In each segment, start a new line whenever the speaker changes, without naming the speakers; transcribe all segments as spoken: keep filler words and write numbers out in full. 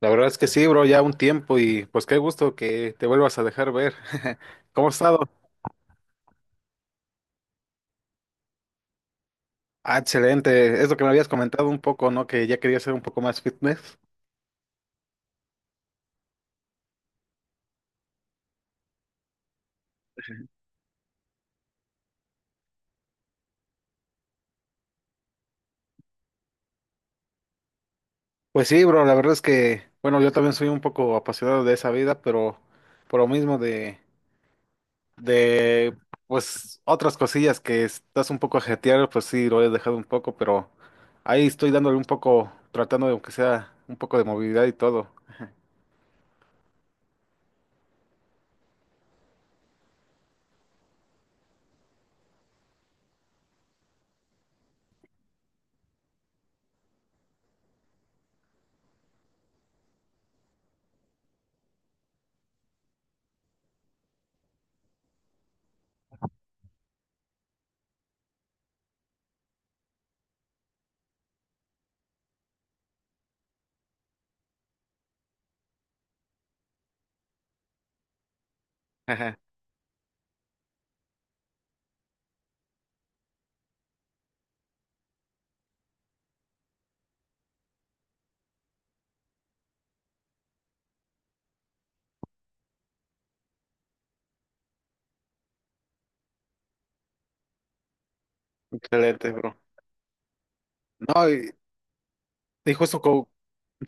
La verdad es que sí, bro, ya un tiempo y pues qué gusto que te vuelvas a dejar ver. ¿Cómo has estado? Ah, excelente. Es lo que me habías comentado un poco, ¿no? Que ya quería ser un poco más fitness. Pues sí, bro, la verdad es que, bueno, yo también soy un poco apasionado de esa vida, pero por lo mismo de, de, pues, otras cosillas que estás un poco ajetreado, pues sí, lo he dejado un poco, pero ahí estoy dándole un poco, tratando de, aunque sea un poco de movilidad y todo. Excelente, bro. No, y, Y justo como,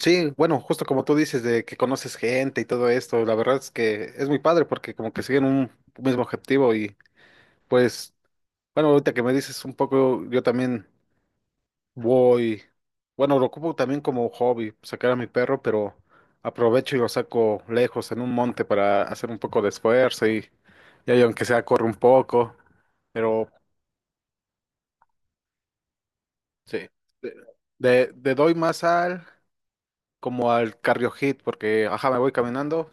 sí, bueno, justo como tú dices de que conoces gente y todo esto, la verdad es que es muy padre porque como que siguen un mismo objetivo y pues, bueno, ahorita que me dices un poco, yo también voy, bueno, lo ocupo también como hobby, sacar a mi perro, pero aprovecho y lo saco lejos en un monte para hacer un poco de esfuerzo y, y ahí aunque sea corre un poco, pero sí, de, de- de doy más al como al cardio hit porque, ajá, me voy caminando.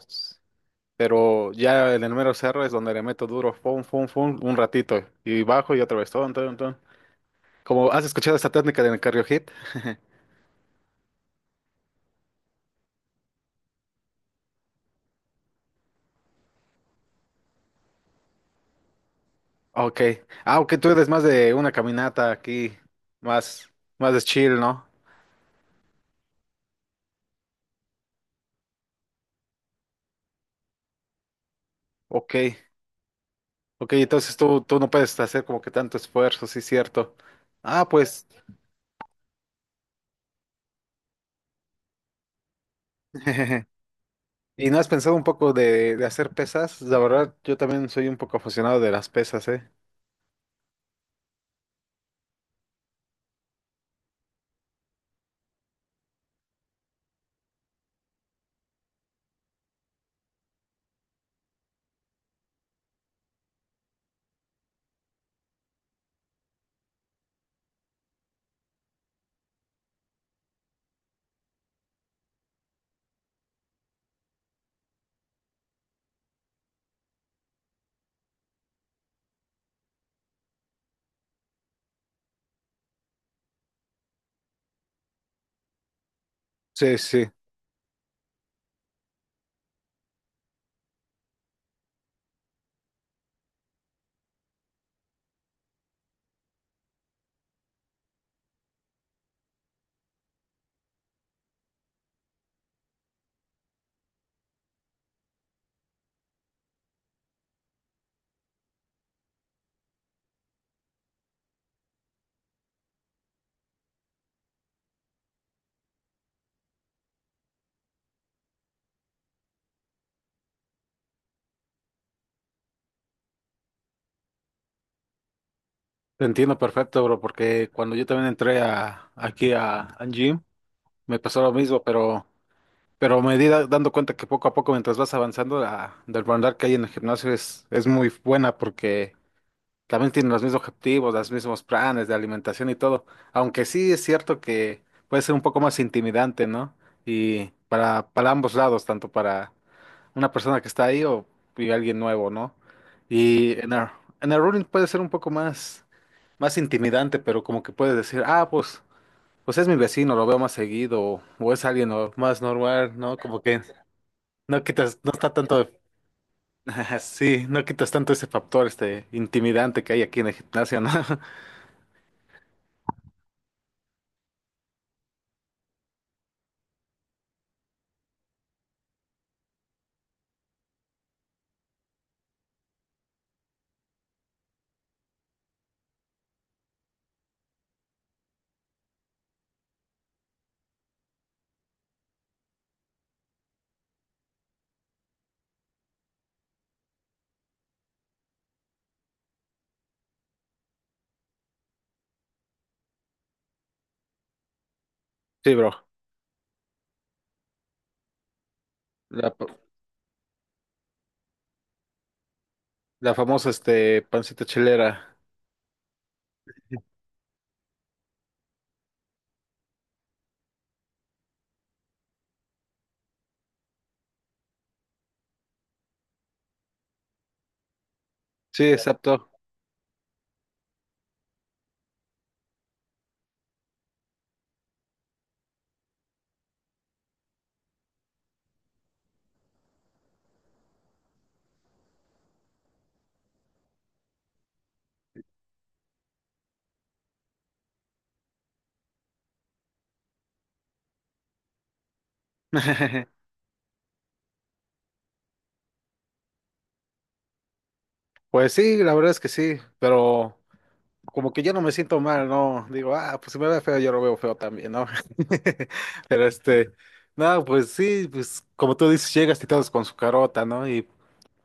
Pero ya en el mero cerro es donde le meto duro, fum, fum, fum, un ratito. Y bajo y otra vez, ton, ton, ton. Como has escuchado esta técnica del cardio hit. Ok. Ah, ok, tú eres más de una caminata aquí, más, más de chill, ¿no? Ok. Ok, entonces tú, tú no puedes hacer como que tanto esfuerzo, sí, cierto. Ah, pues. ¿Y no has pensado un poco de, de hacer pesas? La verdad, yo también soy un poco aficionado de las pesas, ¿eh? Sí, sí. Te entiendo perfecto, bro, porque cuando yo también entré a, aquí a, a Gym, me pasó lo mismo, pero, pero me di da- dando cuenta que poco a poco, mientras vas avanzando, la del bandar que hay en el gimnasio es, es muy buena porque también tienen los mismos objetivos, los mismos planes de alimentación y todo. Aunque sí es cierto que puede ser un poco más intimidante, ¿no? Y para, para ambos lados, tanto para una persona que está ahí o y alguien nuevo, ¿no? Y en el, en el running puede ser un poco más más intimidante, pero como que puedes decir, ah, pues, pues es mi vecino, lo veo más seguido, o, o es alguien no- más normal, ¿no? Como que no quitas, no está tanto, sí, no quitas tanto ese factor, este, intimidante que hay aquí en el gimnasio, ¿no? Sí, bro, la, la famosa, este, pancita chilera. Sí, exacto. Pues sí, la verdad es que sí, pero como que yo no me siento mal, ¿no? Digo, ah, pues si me ve feo, yo lo veo feo también, ¿no? Pero este, no, pues sí, pues como tú dices, llegas y todos con su carota, ¿no? Y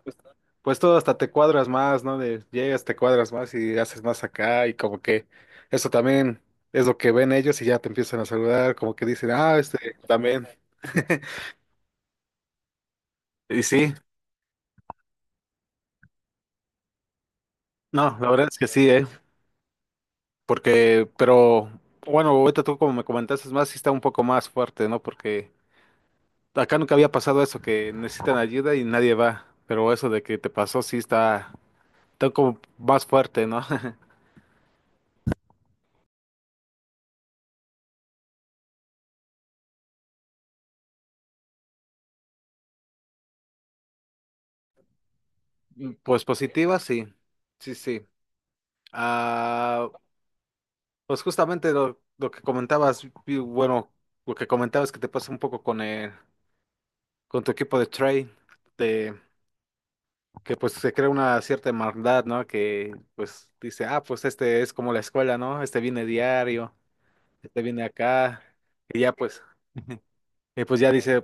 pues, pues todo hasta te cuadras más, ¿no? De, llegas, te cuadras más y haces más acá y como que eso también es lo que ven ellos y ya te empiezan a saludar, como que dicen, ah, este, también. Y sí, no, la verdad es que sí, ¿eh? Porque, pero, bueno, ahorita tú como me comentaste, es más, sí está un poco más fuerte, ¿no? Porque acá nunca había pasado eso, que necesitan ayuda y nadie va. Pero eso de que te pasó sí está, está como más fuerte, ¿no? Pues positiva, sí. Sí, sí. Ah, pues justamente lo, lo que comentabas, y bueno, lo que comentabas que te pasa un poco con el, con tu equipo de trade, de que pues se crea una cierta hermandad, ¿no? Que pues dice, ah, pues este es como la escuela, ¿no? Este viene diario, este viene acá, y ya pues, y pues ya dice,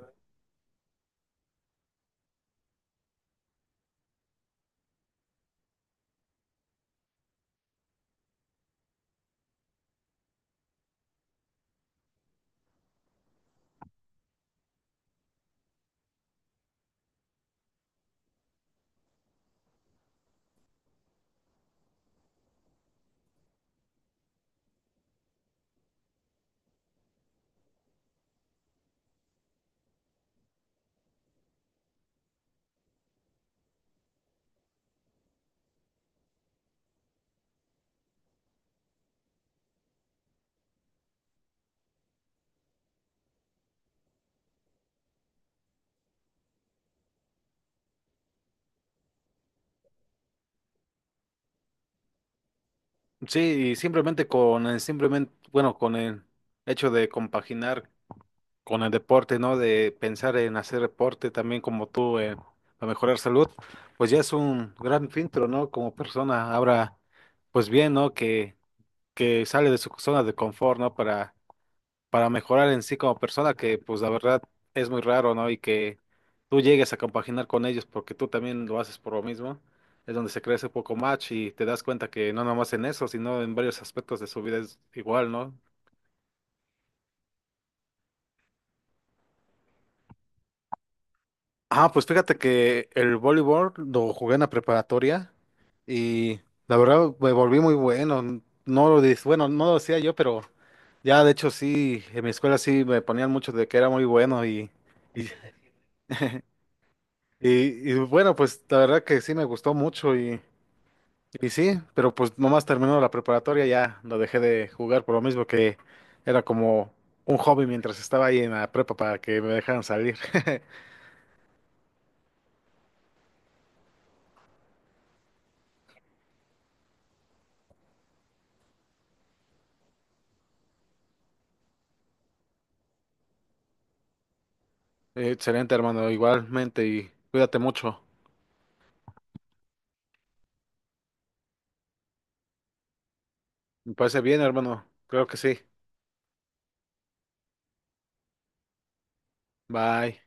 sí, y simplemente con el simplemente, bueno, con el hecho de compaginar con el deporte, ¿no? De pensar en hacer deporte también como tú, eh, para mejorar salud, pues ya es un gran filtro, ¿no? Como persona, ahora, pues bien, ¿no? Que, que sale de su zona de confort, ¿no? Para para mejorar en sí como persona, que pues la verdad es muy raro, ¿no? Y que tú llegues a compaginar con ellos porque tú también lo haces por lo mismo, es donde se crece un poco más y te das cuenta que no nomás en eso, sino en varios aspectos de su vida es igual, ¿no? Ah, pues fíjate que el voleibol lo jugué en la preparatoria y la verdad me volví muy bueno. No lo dic- bueno, no lo decía yo, pero ya de hecho sí, en mi escuela sí me ponían mucho de que era muy bueno y, y, Y, y bueno, pues la verdad que sí me gustó mucho y, y sí, pero pues nomás terminó la preparatoria ya lo dejé de jugar por lo mismo que era como un hobby mientras estaba ahí en la prepa para que me dejaran salir. Excelente, hermano, igualmente y cuídate mucho. Me parece bien, hermano. Creo que sí. Bye.